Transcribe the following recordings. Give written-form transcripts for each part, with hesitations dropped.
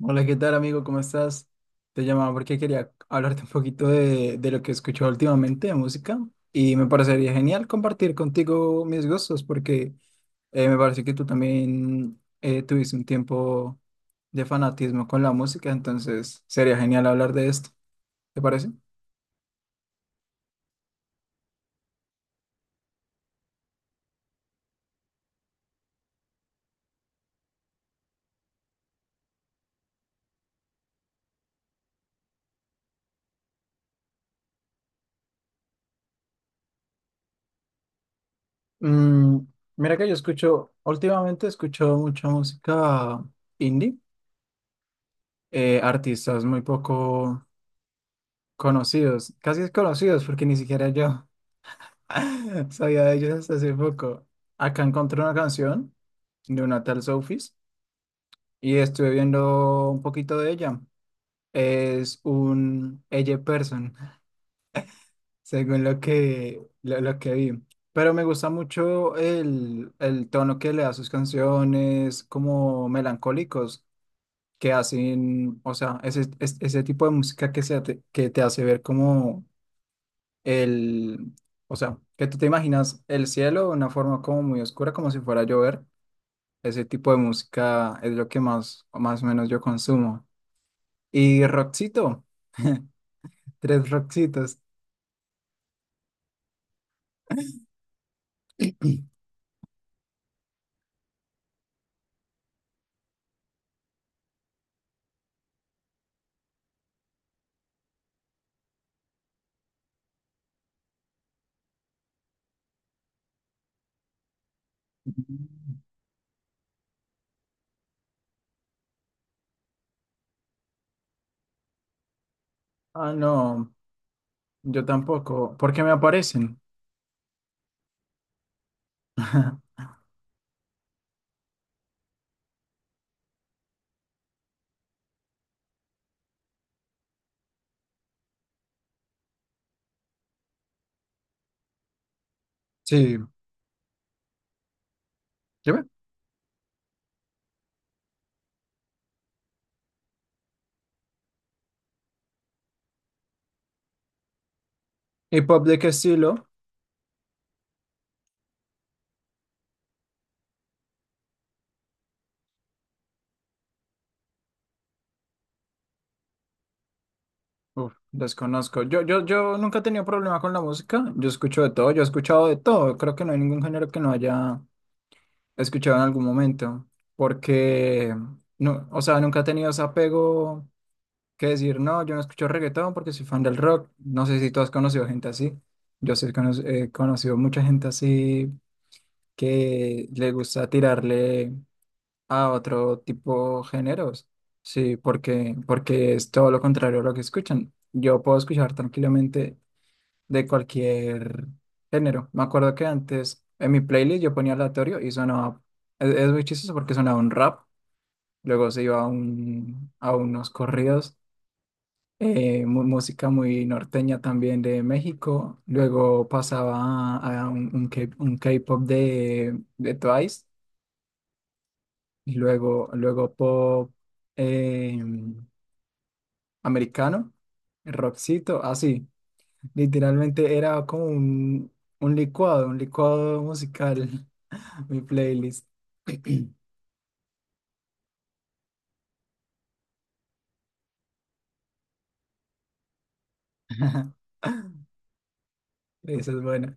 Hola, ¿qué tal, amigo? ¿Cómo estás? Te llamaba porque quería hablarte un poquito de lo que he escuchado últimamente de música y me parecería genial compartir contigo mis gustos porque me parece que tú también tuviste un tiempo de fanatismo con la música. Entonces sería genial hablar de esto, ¿te parece? Mm, Mira que yo escucho, últimamente escucho mucha música indie. Artistas muy poco conocidos, casi desconocidos, porque ni siquiera yo. Sabía de ellos hasta hace poco. Acá encontré una canción de una tal Sofis y estuve viendo un poquito de ella. Es un Elle person, según lo que vi. Pero me gusta mucho el tono que le da a sus canciones, como melancólicos, que hacen, o sea, ese tipo de música que te hace ver como el, o sea, que tú te imaginas el cielo de una forma como muy oscura, como si fuera a llover. Ese tipo de música es lo que más, más o menos yo consumo. Y rockcito, tres rockcitos. Ah, no, yo tampoco, porque me aparecen. Sí, dime. ¿Y pop de qué estilo? Uf, desconozco. Yo nunca he tenido problema con la música. Yo escucho de todo, yo he escuchado de todo. Creo que no hay ningún género que no haya escuchado en algún momento, porque no, o sea, nunca he tenido ese apego, que decir, no, yo no escucho reggaetón porque soy fan del rock. No sé si tú has conocido gente así. Yo sí he conocido mucha gente así que le gusta tirarle a otro tipo de géneros. Sí, porque, es todo lo contrario a lo que escuchan. Yo puedo escuchar tranquilamente de cualquier género. Me acuerdo que antes en mi playlist yo ponía aleatorio y sonaba, es muy chistoso porque sonaba un rap, luego se iba a unos corridos, música muy norteña también de México, luego pasaba a un K-pop de Twice y luego pop eh, americano, rockcito, así, literalmente era como un licuado, un licuado musical. Mi playlist. Esa es buena.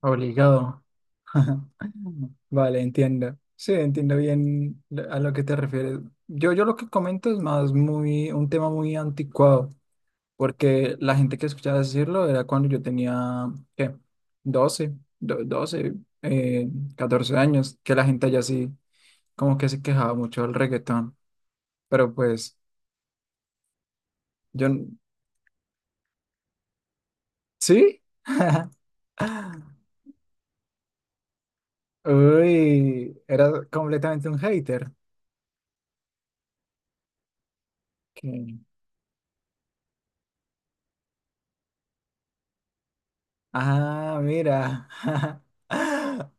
Obligado. Vale, entiendo. Sí, entiendo bien a lo que te refieres. Yo lo que comento es un tema muy anticuado, porque la gente que escuchaba decirlo era cuando yo tenía, ¿qué? 12, 12 eh, 14 años, que la gente allá sí, como que se quejaba mucho del reggaetón. Pero pues, yo, n- ¿sí? Uy, era completamente un hater. que- Ah, mira.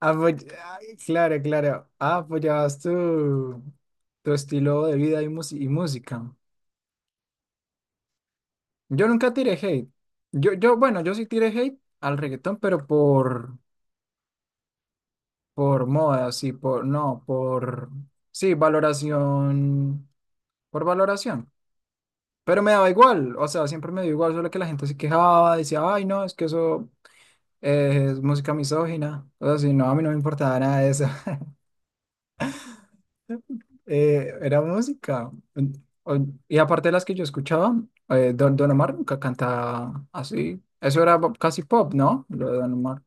Ay, claro, claro. Ah, apoyabas tu estilo de vida y, y música. Yo nunca tiré hate. Bueno, yo sí tiré hate al reggaetón, pero por moda, sí, por, no, por, sí, valoración, por valoración. Pero me daba igual, o sea, siempre me dio igual, solo que la gente se quejaba, decía, ay, no, es que eso es música misógina. O sea, si no, a mí no me importaba nada de eso. Era música. O- Y aparte de las que yo escuchaba, Don Omar nunca cantaba así. Eso era casi pop, ¿no? Lo de Don Omar.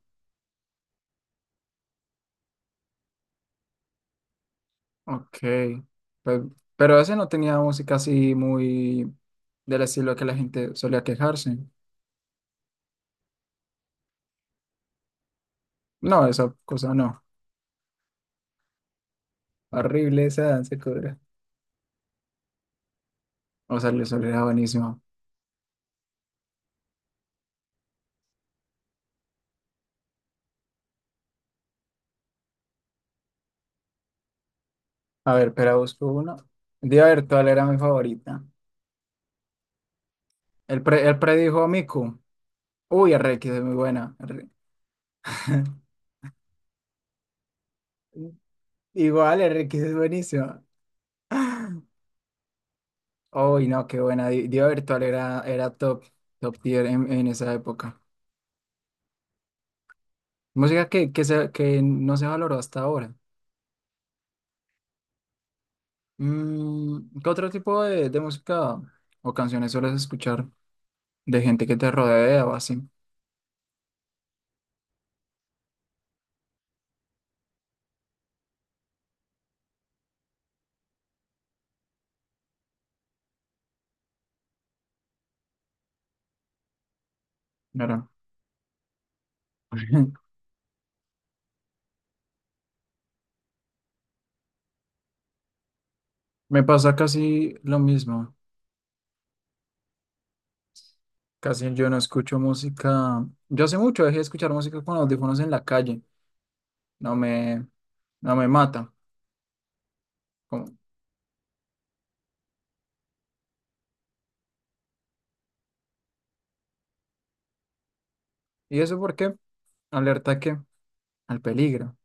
Ok. Pues, pero ese no tenía música así muy del estilo que la gente solía quejarse. No, esa cosa no. Horrible esa danza cobra. O sea, le solía buenísimo. A ver, pero busco una. Debe haber, ¿cuál era mi favorita? Él predijo a Miku. Uy, RX es muy buena. Igual, RX es buenísima. Uy, no, qué buena. Diva Virtual era top, top tier en esa época. Música que no se valoró hasta ahora. ¿Qué otro tipo de música o canciones sueles escuchar de gente que te rodea o así? Claro. Me pasa casi lo mismo. Casi yo no escucho música. Yo hace mucho dejé de escuchar música con audífonos en la calle. no me, no me mata. Como, ¿Y eso por qué? Alerta a qué, al peligro.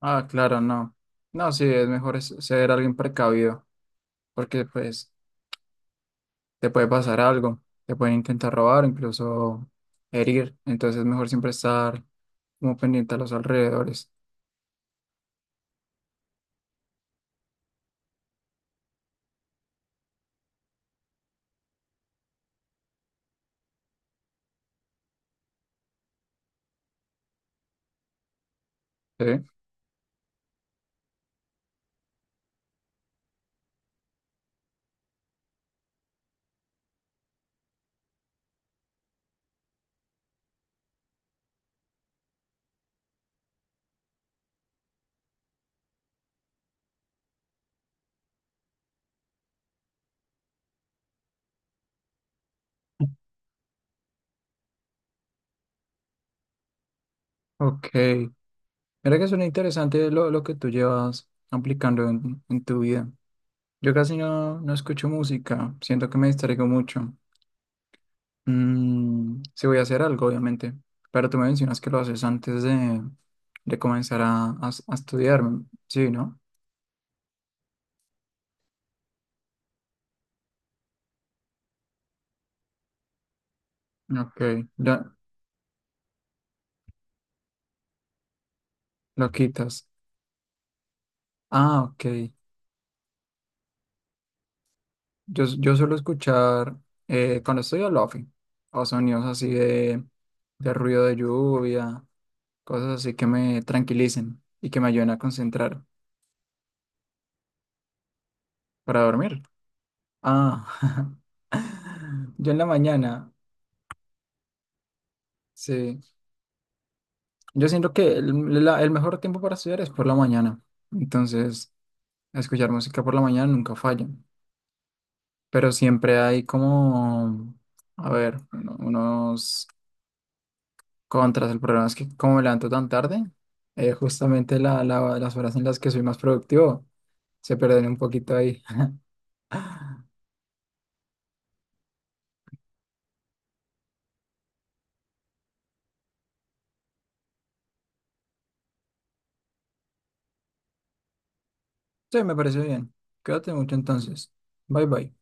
Ah, claro, no. No, sí, es mejor ser alguien precavido, porque pues te puede pasar algo, te pueden intentar robar, incluso herir. Entonces es mejor siempre estar como pendiente a los alrededores. ¿Sí? Ok. Mira que suena interesante lo que tú llevas aplicando en tu vida. Yo casi no escucho música, siento que me distraigo mucho. Sí voy a hacer algo, obviamente, pero tú me mencionas que lo haces antes de comenzar a estudiar, sí, ¿no? Ok, ya lo quitas. Ah, ok. Yo suelo escuchar cuando estoy al lofi o sonidos así de ruido de lluvia, cosas así que me tranquilicen y que me ayuden a concentrar para dormir. Ah, yo en la mañana, sí. Yo siento que el mejor tiempo para estudiar es por la mañana. Entonces, escuchar música por la mañana nunca falla. Pero siempre hay como, a ver, unos contras. El problema es que como me levanto tan tarde, justamente las horas en las que soy más productivo se pierden un poquito ahí. Sí, me parece bien. Cuídate mucho entonces. Bye bye.